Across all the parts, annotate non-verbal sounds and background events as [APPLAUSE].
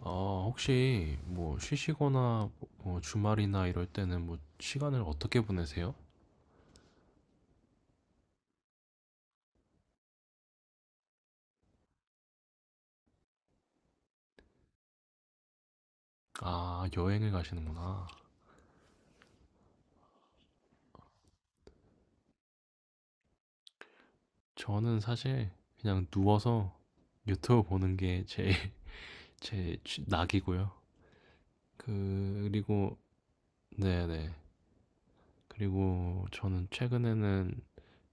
아, 혹시 뭐 쉬시거나 뭐 주말이나 이럴 때는 뭐 시간을 어떻게 보내세요? 아, 여행을 가시는구나. 저는 사실 그냥 누워서 유튜브 보는 게 제일 [LAUGHS] 제 낙이고요. 그리고 네네. 그리고 저는 최근에는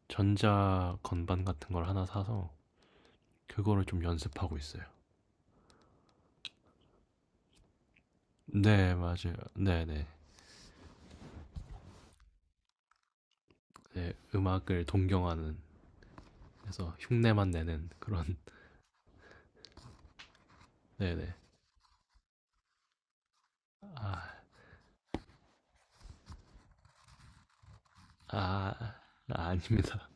전자 건반 같은 걸 하나 사서 그거를 좀 연습하고 있어요. 네, 맞아요. 네네. 네, 음악을 동경하는 그래서 흉내만 내는 그런 [LAUGHS] 네네. 아, 아, 아닙니다.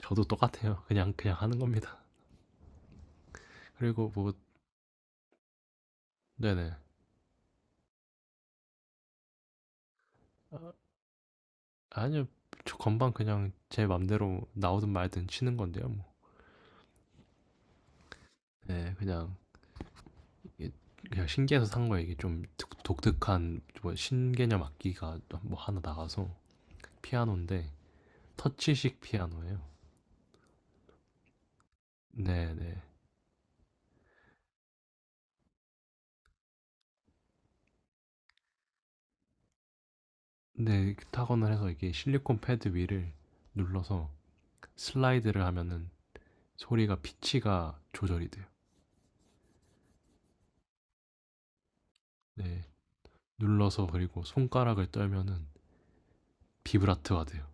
저도 똑같아요. 그냥 하는 겁니다. 그리고 뭐, 네네. 아, 아니요. 저 건반 그냥 제 맘대로 나오든 말든 치는 건데요, 뭐. 네, 그냥, 이게 그냥 신기해서 산 거예요. 이게 좀 독특한, 뭐, 신개념 악기가 뭐 하나 나가서 피아노인데, 터치식 피아노예요. 네네. 네, 네, 타건을 해서 이게 실리콘 패드 위를 눌러서 슬라이드를 하면은 소리가 피치가 조절이 돼요. 네. 눌러서 그리고 손가락을 떨면은 비브라트가 돼요.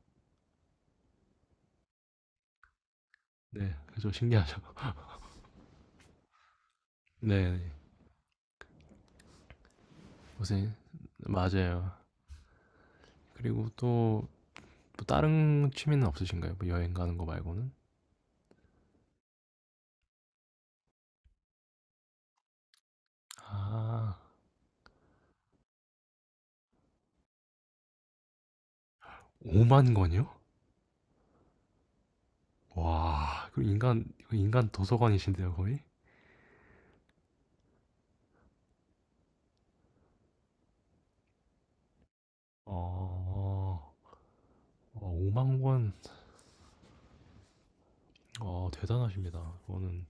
네, 그죠 신기하죠. [LAUGHS] 네, 요새 맞아요. 그리고 또뭐 다른 취미는 없으신가요? 뭐 여행 가는 거 말고는? 아, 5만 권이요? 와, 그 인간 도서관이신데요 거의? 어, 5만 권, 대단하십니다. 저는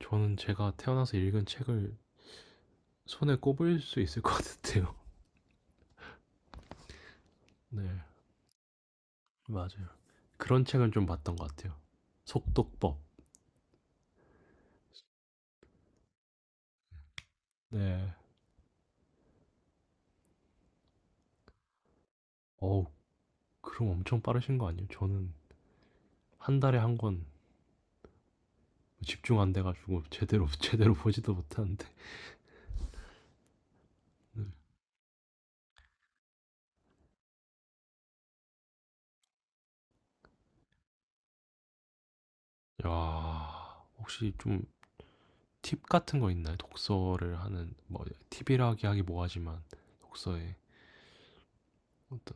저는 제가 태어나서 읽은 책을 손에 꼽을 수 있을 것 같은데요. [LAUGHS] 네, 맞아요. 그런 책은 좀 봤던 것 같아요. 속독법. 네. 어우 그럼 엄청 빠르신 거 아니에요? 저는 한 달에 한 권 집중 안 돼 가지고 제대로 [LAUGHS] 제대로 보지도 못하는데. 네. 야. 혹시 좀 팁 같은 거 있나요? 독서를 하는 뭐 팁이라기 하기 뭐하지만 독서에 어떤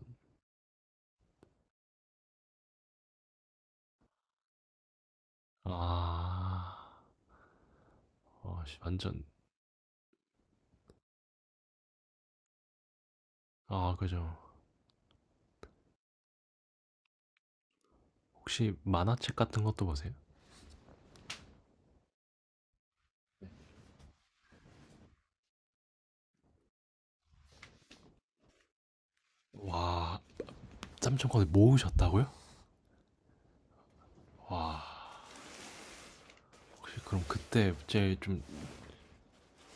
아. 어 씨 완전 아 그죠. 혹시 만화책 같은 것도 보세요? 와3천 권을 모으셨다고요? 와. 혹시 그럼 그때 제일 좀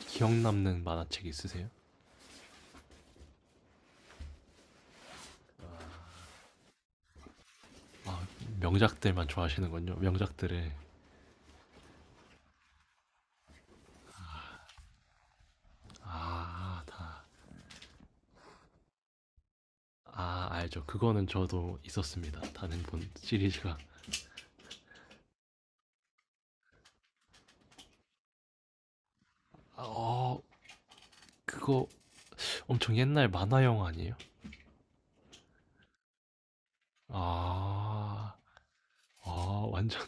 기억 남는 만화책 있으세요? 명작들만 좋아하시는군요. 명작들의 아, 다. 아, 알죠. 그거는 저도 있었습니다. 단행본 시리즈가. 아, 어, 그거 엄청 옛날 만화 영화 아니에요? 아, 아, 완전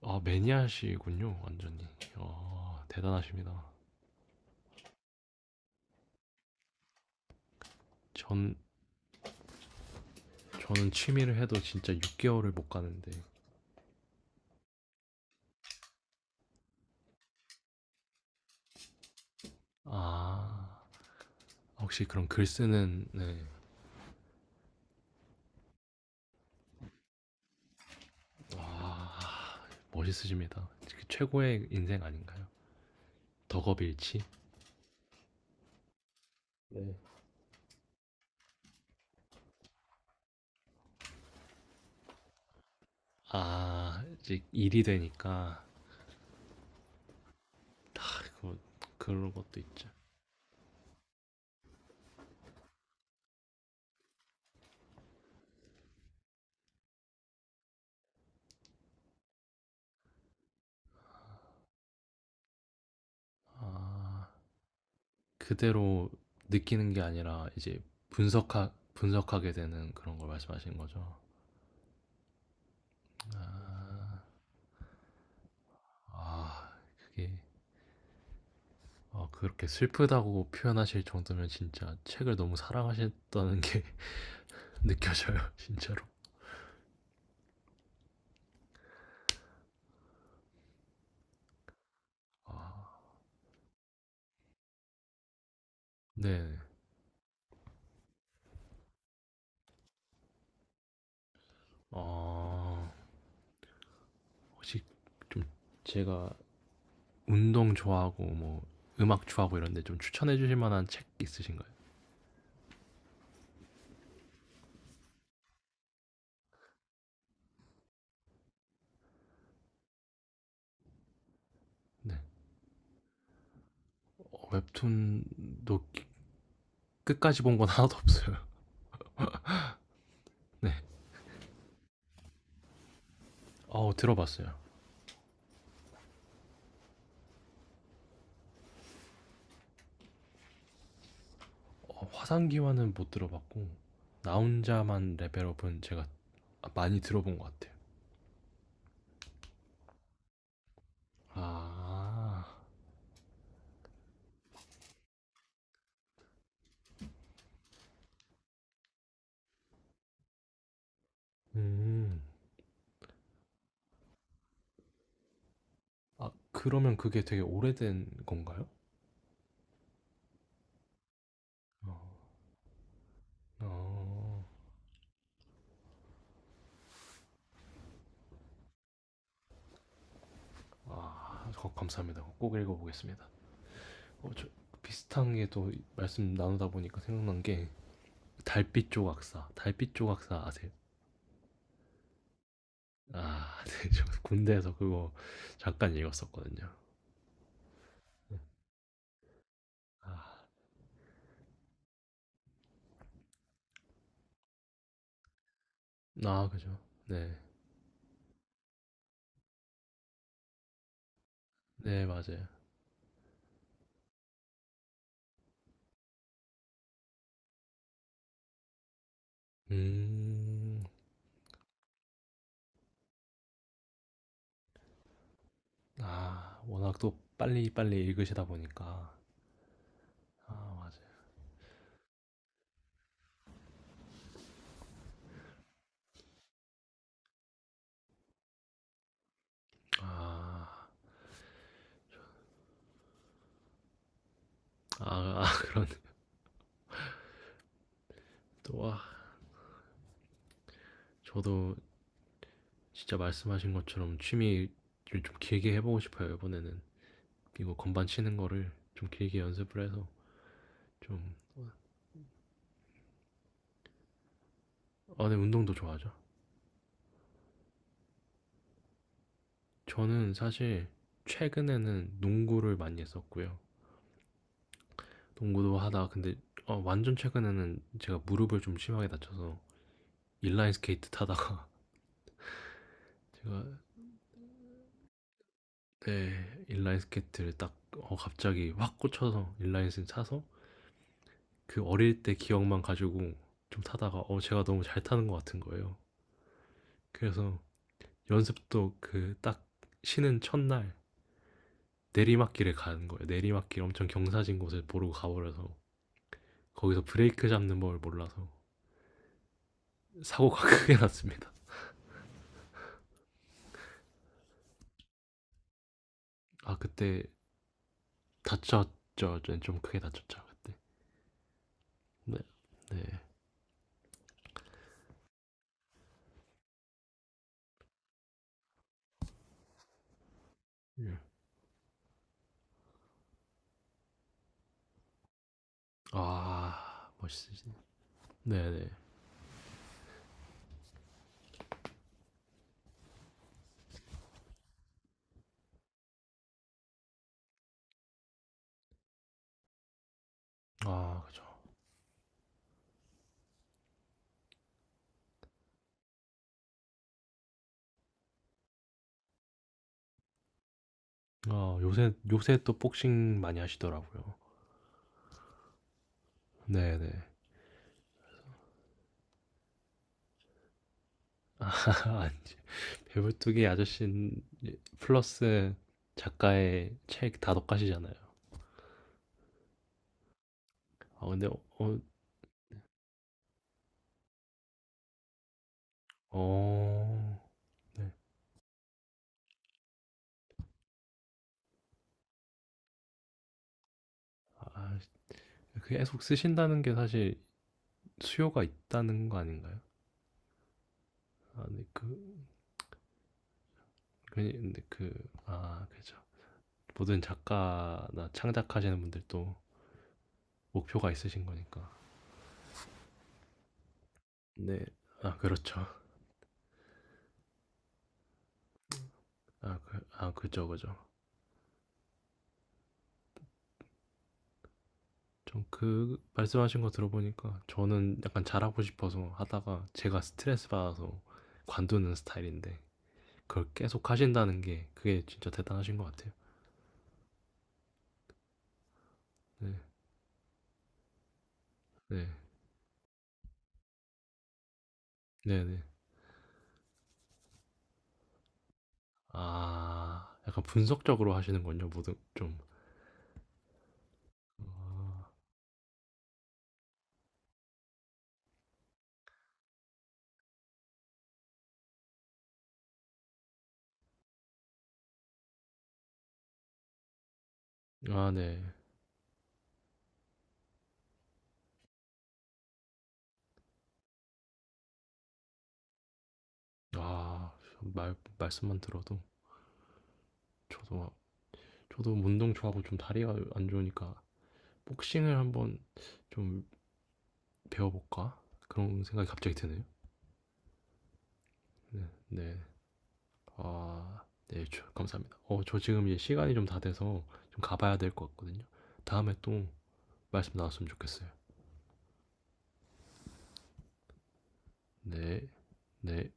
아, 매니아시군요. 완전히. 아, 대단하십니다. 전 저는 취미를 해도 진짜 6개월을 못 가는데. 아, 혹시 그럼 글 쓰는 네. 아, 멋있으십니다. 그 최고의 인생 아닌가요? 덕업일치. 아, 이제 일이 되니까 아이고, 그런 것도 있죠. 아, 그대로 느끼는 게 아니라 이제 분석하게 되는 그런 걸 말씀하시는 거죠. 아, 그게 아, 그렇게 슬프다고 표현하실 정도면 진짜 책을 너무 사랑하셨다는 게 [LAUGHS] 느껴져요, 진짜로. 아, 네. 아, 혹시 좀 제가 운동 좋아하고 뭐 음악 좋아하고 이런데 좀 추천해 주실 만한 책 있으신가요? 네. 어, 웹툰도 끝까지 본 건 하나도 없어요. [LAUGHS] 네. 어, 들어봤어요. 어, 화상기와는 못 들어봤고 나 혼자만 레벨업은 제가 많이 들어본 것 같아요. 아, 음. 아, 그러면 그게 되게 오래된 건가요? 어, 어. 아, 감사합니다. 꼭 읽어보겠습니다. 어, 저 비슷한 게 또 말씀 나누다 보니까 생각난 게 달빛 조각사 아세요? 아, [LAUGHS] 네, 저 군대에서 그거 잠깐 읽었었거든요. 아, 아, 그죠. 네, 네, 맞아요. 음, 아, 워낙 또 빨리빨리 읽으시다 보니까. 아, 맞아요. 아, 아 [LAUGHS] 그런, 또, 와, 저도 진짜 말씀하신 것처럼 취미를 좀 길게 해보고 싶어요, 이번에는. 이거 건반 치는 거를 좀 길게 연습을 해서 좀, 아, 네, 운동도 좋아하죠. 저는 사실 최근에는 농구를 많이 했었고요. 농구도 하다가 근데 어, 완전 최근에는 제가 무릎을 좀 심하게 다쳐서 인라인 스케이트 타다가 [LAUGHS] 제가 네, 인라인 스케이트를 딱 갑자기 확 꽂혀서 인라인 스케이트 타서 그 어릴 때 기억만 가지고 좀 타다가 제가 너무 잘 타는 것 같은 거예요. 그래서 연습도 그 딱 쉬는 첫날 내리막길에 가는 거예요. 내리막길 엄청 경사진 곳에 보러 가버려서 거기서 브레이크 잡는 법을 몰라서 사고가 [LAUGHS] 크게 났습니다. 아 그때 다쳤죠. 좀 크게 다쳤죠 그때. 네, 네. 예. 아 멋있으시네. 네, 네. 아 그죠. 아 요새 또 복싱 많이 하시더라고요. 네, 네. [LAUGHS] 아 아니지. 배불뚝이 아저씨 플러스 작가의 책 다독가시잖아요 아 근데 어 네. 아, 계속 쓰신다는 게 사실 수요가 있다는 거 아닌가요? 아, 네, 그 근데 그, 아, 그죠. 모든 작가나 창작하시는 분들도 목표가 있으신 거니까. 네. 아, 그렇죠. 아, 그, 아, 그죠, 그죠. 좀 그, 말씀하신 거 들어보니까 저는 약간 잘하고 싶어서 하다가 제가 스트레스 받아서 관두는 스타일인데 그걸 계속 하신다는 게 그게 진짜 대단하신 것 같아요. 네, 네, 네, 네. 아, 약간 분석적으로 하시는군요, 모든, 좀. 아, 아, 네. 아, 말씀만 들어도 저도 저도 운동 좋아하고 좀 다리가 안 좋으니까 복싱을 한번 좀 배워볼까 그런 생각이 갑자기 드네요. 네, 네, 아, 네, 감사합니다. 어, 저 지금 이제 시간이 좀 다 돼서 좀 가봐야 될 것 같거든요. 다음에 또 말씀 나왔으면 좋겠어요. 네, 네.